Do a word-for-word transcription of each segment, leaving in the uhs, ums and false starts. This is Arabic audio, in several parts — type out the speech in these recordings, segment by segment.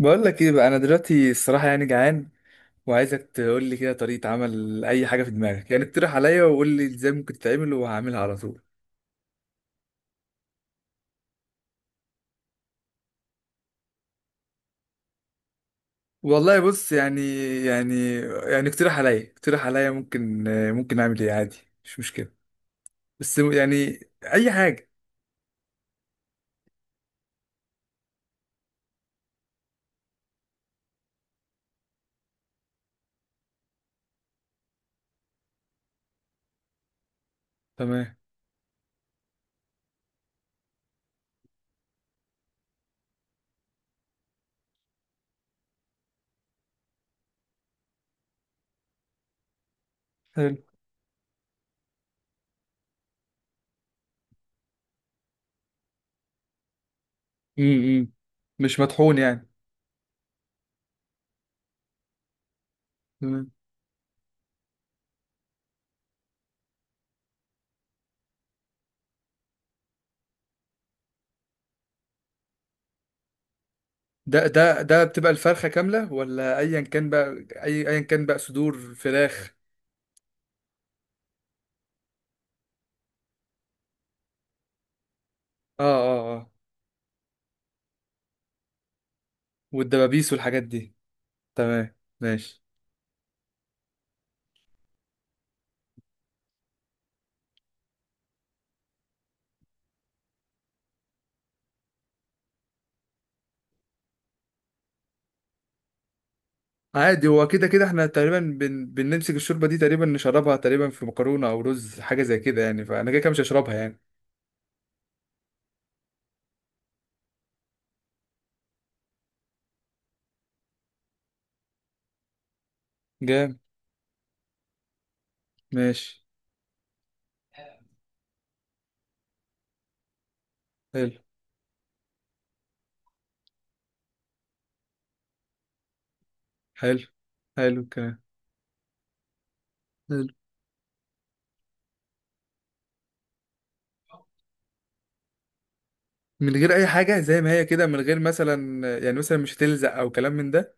بقول لك ايه بقى؟ انا دلوقتي الصراحه يعني جعان، وعايزك تقول لي كده طريقه عمل اي حاجه في دماغك. يعني اقترح عليا، وقول لي ازاي ممكن تتعمل، وهعملها على طول. والله بص، يعني يعني يعني اقترح عليا اقترح عليا، ممكن ممكن اعمل ايه عادي. مش مشكله، بس يعني اي حاجه. تمام. حلو. امم مش مطحون يعني؟ تمام. ده ده ده بتبقى الفرخه كامله ولا ايا كان بقى؟ اي ايا كان بقى صدور فراخ. اه اه اه، والدبابيس والحاجات دي. تمام ماشي. عادي، هو كده كده احنا تقريبا بن... بنمسك الشوربه دي تقريبا، نشربها تقريبا في مكرونه او رز، حاجه زي كده يعني. فانا كده كده مش هشربها يعني. جامد. ماشي. حلو. حلو. حلو الكلام. حلو. من غير اي حاجه زي ما هي كده، من غير مثلا يعني مثلا مش هتلزق او كلام من ده.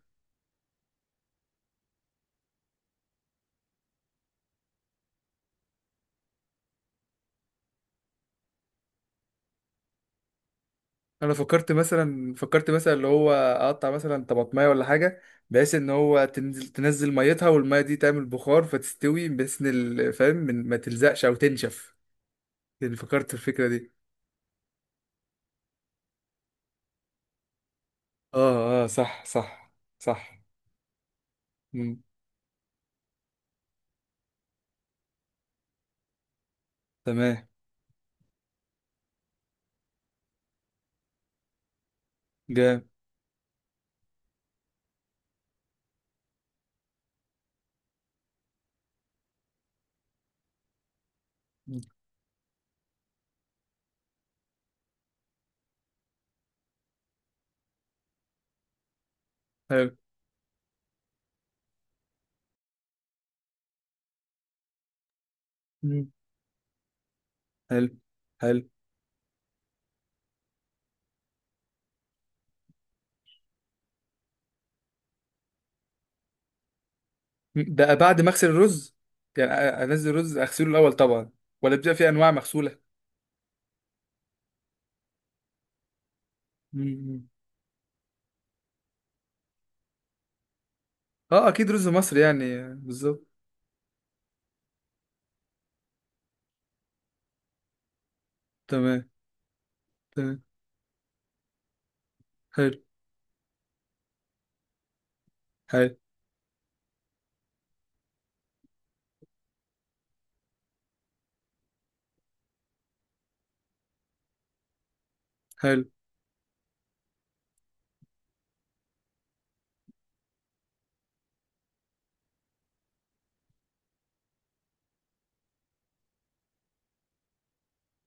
انا فكرت مثلا، فكرت مثلا اللي هو اقطع مثلا طماطمايه ولا حاجه، بحيث ان هو تنزل تنزل ميتها، والميه دي تعمل بخار فتستوي، بحيث ان ال- فاهم من- ما تلزقش او تنشف. يعني فكرت في الفكره دي. اه اه، صح صح صح. مم. تمام. جامد. مم. حلو. مم. حلو. حلو. مم. ده بعد ما اغسل الرز؟ يعني أ- انزل الرز اغسله الاول طبعا، ولا بيبقى في انواع مغسوله؟ مم. مم. اه اكيد رز مصري يعني، آه، بالظبط. تمام. تمام. حلو. حلو. حلو.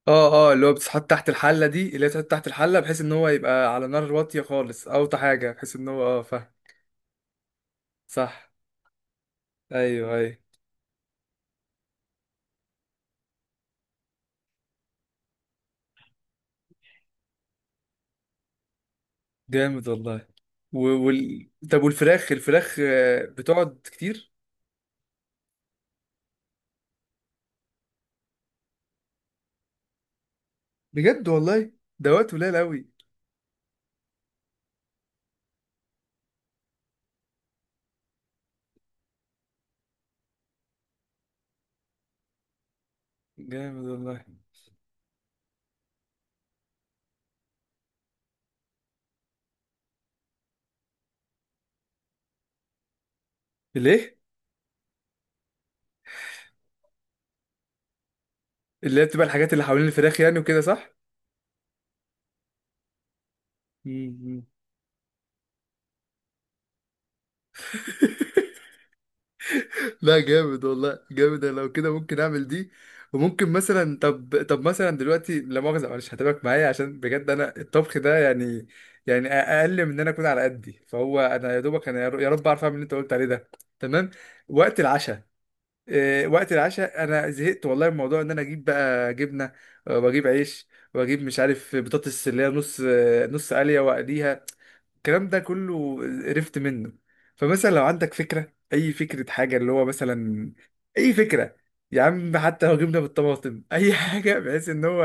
اه اه، اللي هو بتتحط تحت الحله دي، اللي هي بتتحط تحت الحله، بحيث ان هو يبقى على نار واطيه خالص، اوطى حاجه، بحيث ان هو اه فاهم. صح. ايوه ايوه. جامد والله. و... وال... طب والفراخ، الفراخ آه، بتقعد كتير؟ بجد والله. ده وقت قليل قوي. جامد والله. ليه؟ اللي هي بتبقى الحاجات اللي حوالين الفراخ يعني وكده صح. مم. لا جامد والله، جامد. أنا لو كده ممكن اعمل دي. وممكن مثلا، طب طب مثلا دلوقتي، لا مؤاخذة معلش، هتابعك معايا عشان بجد انا الطبخ ده يعني، يعني اقل من ان انا اكون على قدي. فهو انا يا دوبك انا يا رب اعرف اعمل اللي انت قلت عليه ده. تمام. وقت العشاء. إيه، وقت العشاء انا زهقت والله من موضوع ان انا اجيب بقى جبنه، آه، واجيب عيش، واجيب مش عارف بطاطس اللي هي نص، آه، نص قليه، واقليها. الكلام ده كله قرفت منه. فمثلا لو عندك فكره، اي فكره، حاجه اللي هو مثلا، اي فكره. يا عم حتى لو جبنه بالطماطم، اي حاجه بحيث ان هو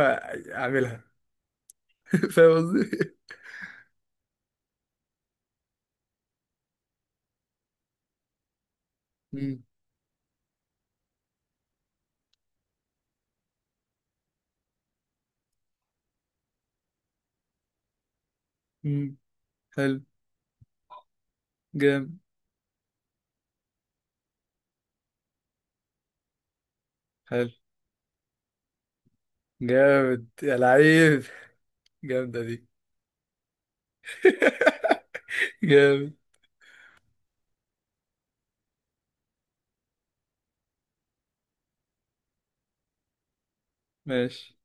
اعملها. فاهم قصدي؟ مم. مم. حلو. جامد. حلو. جامد يا لعيب. جامده دي. جامد. ماشي.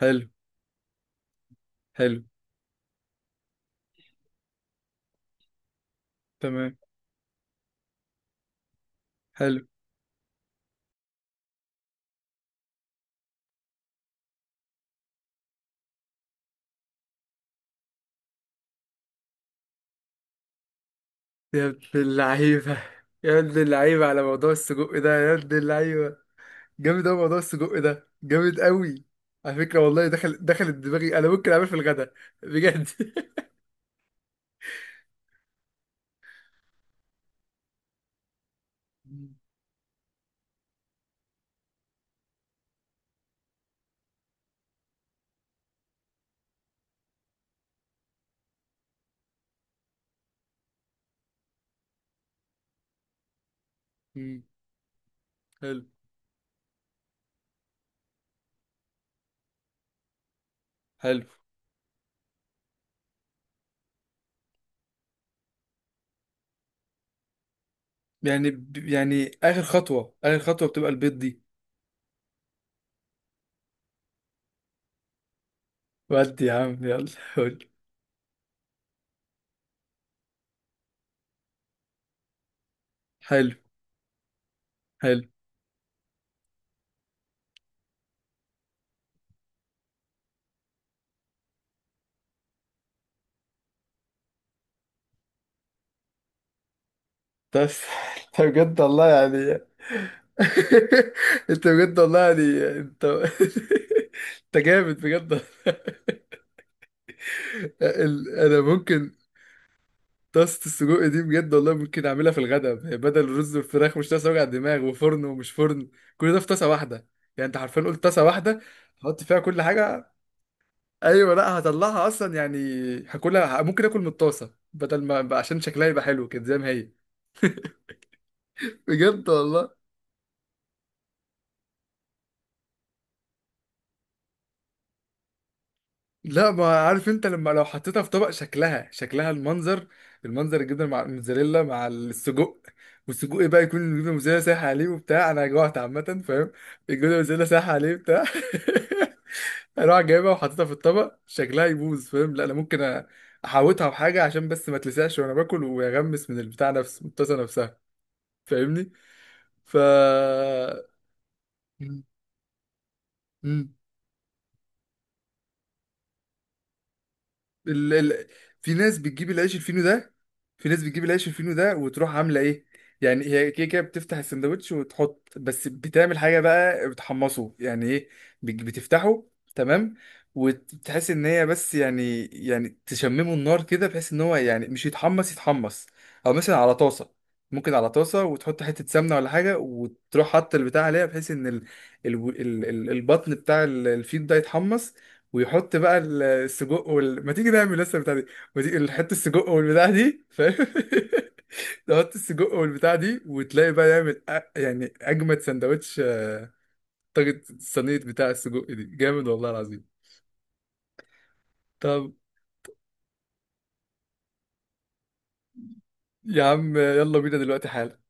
حلو. حلو. تمام. حلو. يا ابن اللعيبة، يا ابن اللعيبة على موضوع السجق ده، يا ابن اللعيبة. جامد أوي موضوع السجق ده، جامد أوي. على فكرة والله دخل دخلت دماغي، أنا ممكن أعمل في الغدا بجد. مم. مم. حلو. حلو. يعني ب- يعني آخر خطوة، آخر خطوة بتبقى البيض دي. ودي يا عم يلا. قول. حلو. حلو. بس انت بجد والله يعني انت بجد والله يعني. انت انت جامد بجد. ال- انا ممكن طاسه السجق دي بجد والله ممكن اعملها في الغداء بدل الرز والفراخ. مش طاسه وجع دماغ، وفرن ومش فرن، كل ده في طاسه واحده. يعني انت حرفيا قلت طاسه واحده، حط فيها كل حاجه. ايوه، لا هطلعها اصلا يعني. هاكلها. ممكن اكل من الطاسه بدل ما، عشان شكلها يبقى حلو كده زي ما هي. بجد والله. لا ما عارف انت، لما لو حطيتها في طبق، شكلها، شكلها المنظر، المنظر الجبنه مع الموتزاريلا مع السجق. والسجق بقى يكون الجبنه الموتزاريلا سايحه عليه وبتاع، انا جوعت عامه، فاهم؟ الجبنه الموتزاريلا سايحه عليه بتاع. اروح جايبها وحاططها في الطبق شكلها يبوظ، فاهم؟ لا انا ممكن أ- احوطها بحاجه عشان بس ما تلسعش وانا باكل، ويغمس من البتاع نفسه، من الطاسه نفسها، فاهمني؟ ف مم. ال... ال... في ناس بتجيب العيش الفينو ده، في ناس بتجيب العيش الفينو ده وتروح عامله ايه. يعني هي كده كده بتفتح السندوتش وتحط بس، بتعمل حاجه بقى، بتحمصه يعني ايه؟ بتج- بتفتحه، تمام، وتحس ان هي بس يعني، يعني تشممه النار كده، بحيث ان هو يعني مش يتحمص يتحمص، او مثلا على طاسه. ممكن على طاسه، وتحط حته سمنه ولا حاجه، وتروح حاطط البتاع عليها، بحيث ان ال... ال... ال... ال- البطن بتاع ال- الفيل ده يتحمص. ويحط بقى ال- السجق وال... ما تيجي نعمل لسه البتاع دي ما تيجي نحط السجق والبتاع دي، فاهم؟ تحط السجق والبتاع دي، وتلاقي بقى يعمل أ... يعني اجمد سندوتش، آه، طاجة الصينية بتاع السجق دي جامد والله العظيم. طب يا عم يلا بينا دلوقتي حالا.